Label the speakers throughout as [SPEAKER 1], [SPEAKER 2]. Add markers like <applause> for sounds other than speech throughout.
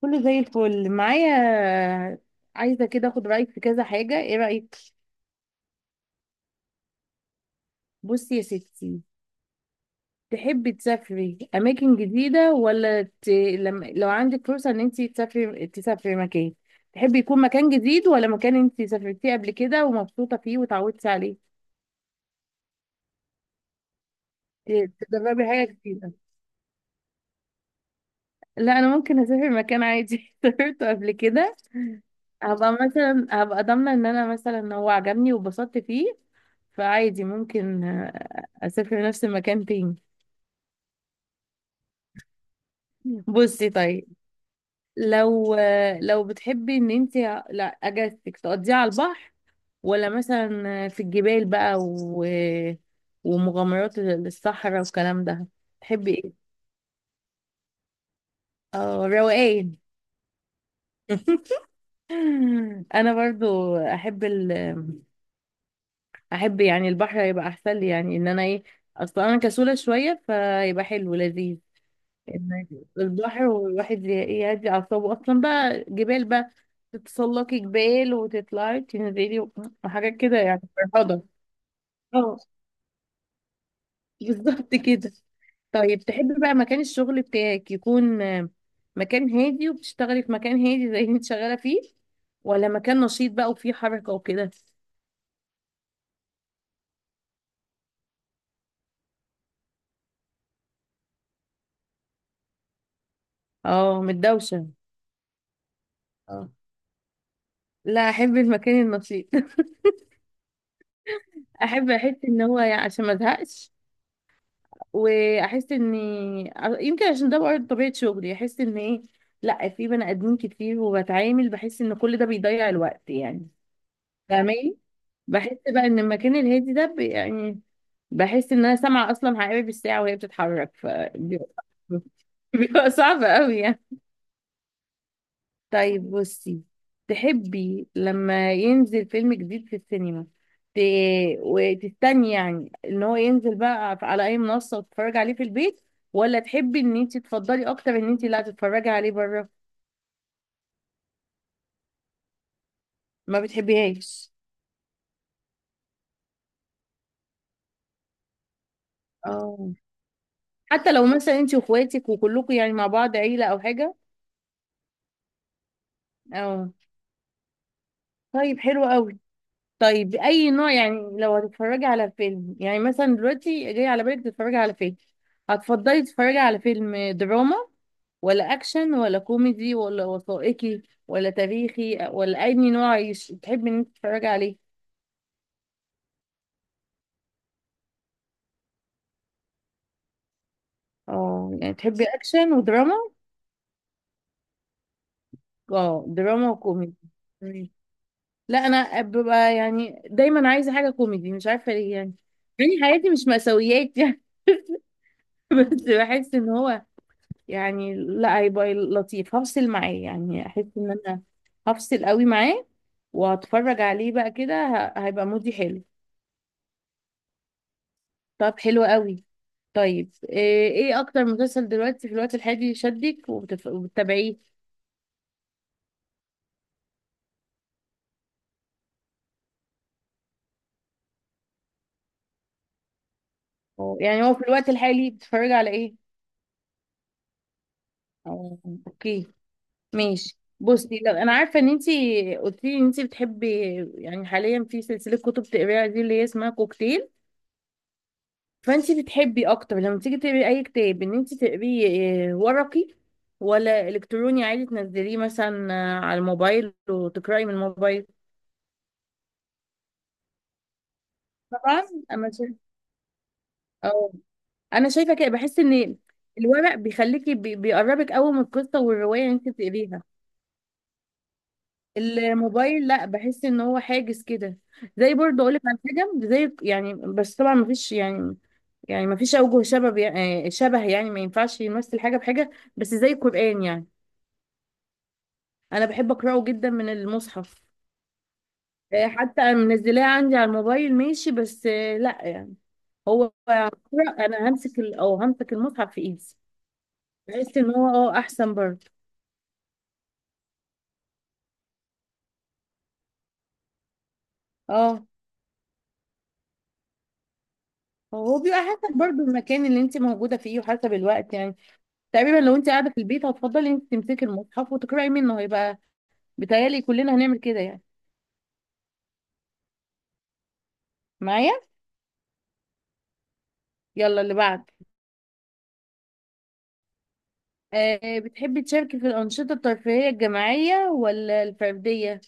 [SPEAKER 1] كله زي الفل معايا. عايزة كده اخد رأيك في كذا حاجة، ايه رأيك؟ بصي يا ستي. تحبي تسافري اماكن جديدة ولا لو عندك فرصة ان انت تسافري مكان، تحبي يكون مكان جديد ولا مكان انت سافرتيه قبل كده ومبسوطة فيه وتعودتي عليه؟ تجربي حاجة جديدة. لا، انا ممكن اسافر مكان عادي <laughs> سافرته قبل كده. هبقى مثلا ضامنة ان انا مثلا هو عجبني وبسطت فيه، فعادي ممكن اسافر نفس المكان تاني. بصي طيب. لو لو بتحبي ان انت، لا، اجازتك تقضيها على البحر ولا مثلا في الجبال بقى ومغامرات الصحراء والكلام ده، تحبي ايه؟ اه، روقان. <laughs> انا برضو احب احب يعني البحر هيبقى احسن لي، يعني ان انا ايه، اصلا انا كسولة شوية فيبقى حلو لذيذ. إن البحر والواحد يهدي أعصابه، أصلا بقى جبال بقى، تتسلقي جبال وتطلعي تنزلي وحاجات كده يعني فرهضة. اه <laughs> بالظبط كده. طيب، تحبي بقى مكان الشغل بتاعك يكون مكان هادي وبتشتغلي في مكان هادي زي اللي انت شغالة فيه، ولا مكان نشيط بقى وفيه حركة وكده؟ اه، متدوشة. اه، لا، احب المكان النشيط <laughs> احب احس ان هو يعني عشان ما ازهقش، واحس ان يمكن عشان ده برضه طبيعه شغلي، احس ان ايه، لا، في بني ادمين كتير وبتعامل، بحس ان كل ده بيضيع الوقت يعني، فاهماني؟ بحس بقى ان المكان الهادي ده يعني بحس ان انا سامعه اصلا حقائب الساعه وهي بتتحرك، فبيبقى <laughs> بيبقى صعب قوي يعني. طيب، بصي، تحبي لما ينزل فيلم جديد في السينما ت... وتستني يعني ان هو ينزل بقى على اي منصة وتتفرجي عليه في البيت، ولا تحبي ان انت تفضلي اكتر ان انت لا تتفرجي عليه بره؟ ما بتحبيهاش. اه، حتى لو مثلا انت واخواتك وكلكم يعني مع بعض عيلة او حاجة؟ اه. طيب حلو قوي. طيب، اي نوع يعني لو هتتفرجي على فيلم، يعني مثلا دلوقتي جاي على بالك تتفرجي على فيلم، هتفضلي تتفرجي على فيلم دراما ولا اكشن ولا كوميدي ولا وثائقي ولا تاريخي ولا اي نوع تحبي ان انت تتفرجي عليه؟ اه، يعني تحبي اكشن ودراما. اه، دراما وكوميدي. تمام. لا، انا ببقى يعني دايما عايزه حاجه كوميدي، مش عارفه ليه يعني، يعني حياتي مش مأساويات يعني <laughs> بس بحس ان هو يعني لا هيبقى لطيف، هفصل معاه يعني، احس ان انا هفصل قوي معاه وهتفرج عليه بقى كده، هيبقى مودي حلو. طب حلو قوي. طيب، ايه اكتر مسلسل دلوقتي في الوقت الحالي شدك وبتتابعيه؟ أو يعني هو في الوقت الحالي بتتفرجي على ايه؟ أو- اوكي. ماشي، بصي، لو انا عارفه ان انتي قلتي لي ان انتي بتحبي، يعني حاليا، في سلسله كتب تقريها، دي اللي هي اسمها كوكتيل، فانت بتحبي اكتر لما تيجي تقري اي كتاب ان انت تقريه ورقي ولا الكتروني عادي تنزليه مثلا على الموبايل وتقراي من الموبايل؟ طبعا، انا شايفه، اه، انا شايفه كده، بحس ان الورق بيخليكي بيقربك قوي من القصه والروايه اللي انت بتقريها. الموبايل لا، بحس ان هو حاجز كده. زي برضه اقول لك على حاجه زي يعني، بس طبعا مفيش، يعني، يعني مفيش اوجه شبه، يعني شبه، يعني ما ينفعش يمثل حاجه بحاجه، بس زي القران يعني، انا بحب اقراه جدا من المصحف. حتى انا منزلاه عندي على الموبايل ماشي، بس لا يعني، هو أقرأ، انا همسك او همسك المصحف في ايدي، بحس ان هو اه احسن برضه. اه هو بيبقى حسب برضه المكان اللي انت موجوده فيه وحسب الوقت يعني، تقريبا لو انت قاعده في البيت هتفضلي انت تمسكي المصحف وتقراي منه، هيبقى، بيتهيألي كلنا هنعمل كده يعني معايا. يلا اللي بعد. بتحبي تشاركي في الانشطه الترفيهيه الجماعيه ولا الفرديه؟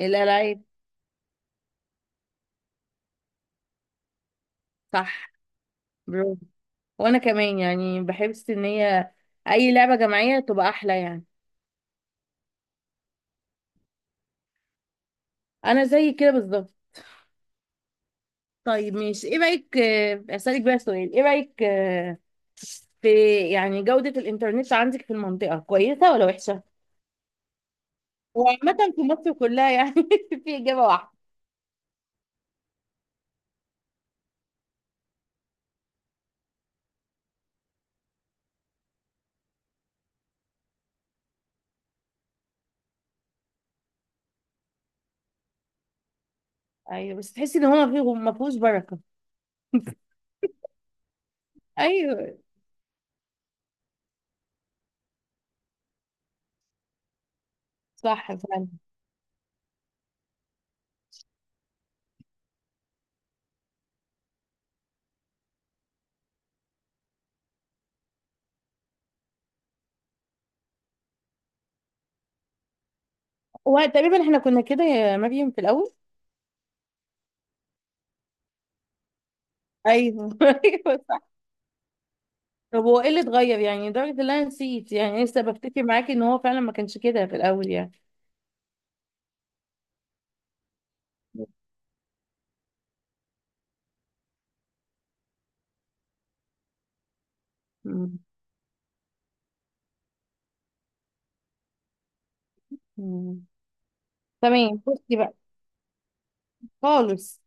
[SPEAKER 1] الالعاب، صح. برافو، وانا كمان يعني بحس ان هي اي لعبة جماعية تبقى احلى يعني. انا زي كده بالظبط. طيب، مش ايه رأيك اسألك بقى سؤال. ايه رأيك في، يعني، جودة الانترنت عندك في المنطقة كويسة ولا وحشة؟ وعامة في مصر كلها يعني <laughs> في اجابة واحدة. ايوه، بس تحسي ان هو ما فيهوش بركة. ايوه صح فعلا. وتقريبا احنا كنا كده يا مريم في الاول. ايوه <laughs> ايوه صح. طب هو ايه اللي اتغير يعني لدرجة ان انا نسيت، يعني لسه بفتكر معاكي ان هو فعلا ما كانش كده في الاول يعني. مم. مم. تمام، بصي بقى خالص.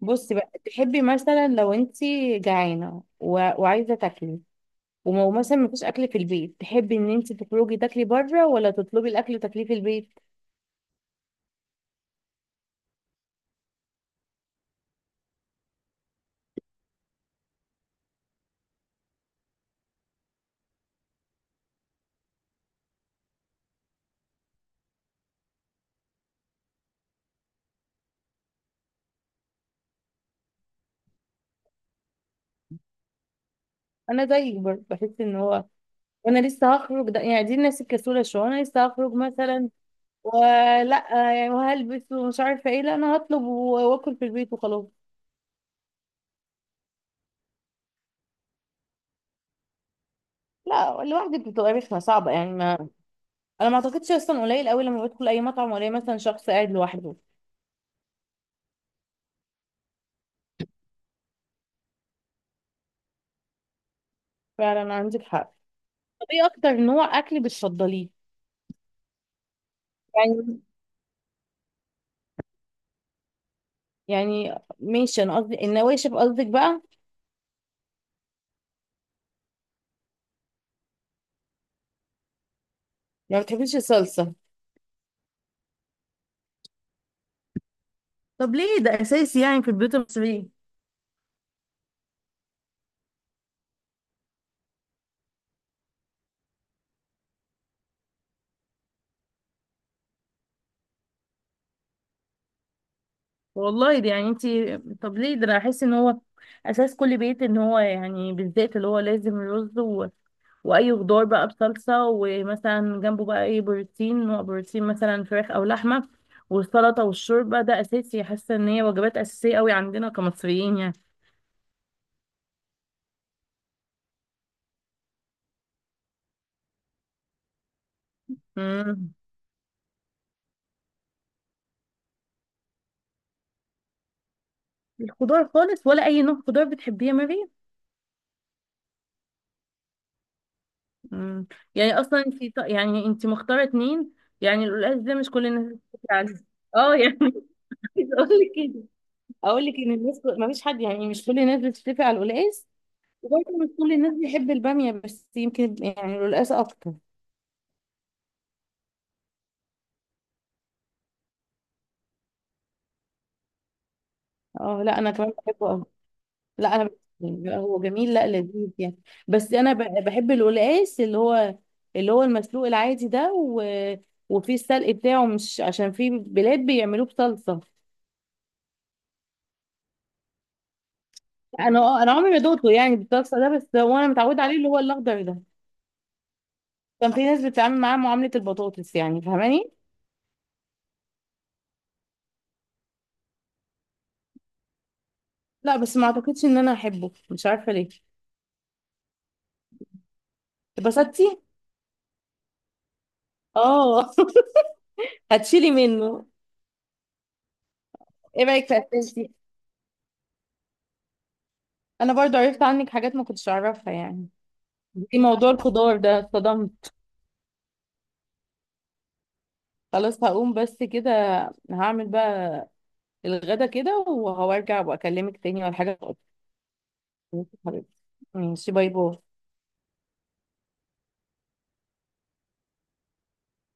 [SPEAKER 1] بصي بقى، تحبي مثلا لو انت جعانه وعايزه تاكلي ومو مثلا مفيش اكل في البيت، تحبي ان انت تخرجي تاكلي بره ولا تطلبي الاكل وتاكليه في البيت؟ انا زيك برضه، بحس ان هو، وانا لسه هخرج ده يعني، دي الناس الكسوله شويه، انا لسه هخرج مثلا ولا يعني وهلبس ومش عارفه ايه، لا انا هطلب واكل في البيت وخلاص. لا لوحدك بتبقى رخمه صعبه يعني، ما انا ما اعتقدش اصلا، قليل قوي لما بدخل اي مطعم ولا مثلا شخص قاعد لوحده. فعلا عندك حق. طب ايه اكتر نوع اكل بتفضليه؟ يعني، يعني ماشي، انا قصدي النواشف قصدك بقى يعني. ما بتحبيش الصلصه، طب ليه ده اساسي يعني في البيوت المصريه؟ والله دي يعني انتي، طب ليه ده، انا احس ان هو اساس كل بيت ان هو يعني، بالذات اللي هو لازم رز واي خضار بقى بصلصه، ومثلا جنبه بقى اي بروتين، نوع بروتين مثلا فراخ او لحمه، والسلطه والشوربه، ده اساسي، حاسه ان هي وجبات اساسيه قوي عندنا كمصريين يعني. امم الخضار خالص ولا اي نوع خضار بتحبيه يا ماري؟ امم يعني اصلا انتي يعني انتي مختاره اتنين، يعني القلقاس ده مش كل الناس بتحكي عليه. اه يعني <laughs> عايزه اقول لك، ان الناس ما فيش حد، يعني مش كل الناس بتتفق على القلقاس، وبرضه مش كل الناس بتحب الباميه، بس يمكن يعني القلقاس اكتر. اه لا، انا كمان بحبه أوي. لا انا بحبه. بيبقى هو جميل، لا لذيذ يعني. بس انا بحب القلقاس اللي هو، اللي هو المسلوق العادي ده وفيه السلق بتاعه، مش عشان في بلاد بيعملوه بصلصه. انا عمري ما دوقته يعني بالصلصه ده، بس هو انا متعوده عليه اللي هو الاخضر ده، كان في ناس بتتعامل معاه معامله البطاطس يعني، فاهماني؟ لا بس ما اعتقدش ان انا احبه، مش عارفه ليه. اتبسطتي؟ اه <laughs> هتشيلي منه. ايه رايك في اسئلتي؟ انا برضو عرفت عنك حاجات ما كنتش اعرفها يعني، في موضوع الخضار ده اتصدمت. خلاص، هقوم بس كده، هعمل بقى الغدا كده وهرجع واكلمك تاني ولا حاجه. ماشي حبيبتي. ماشي، باي باي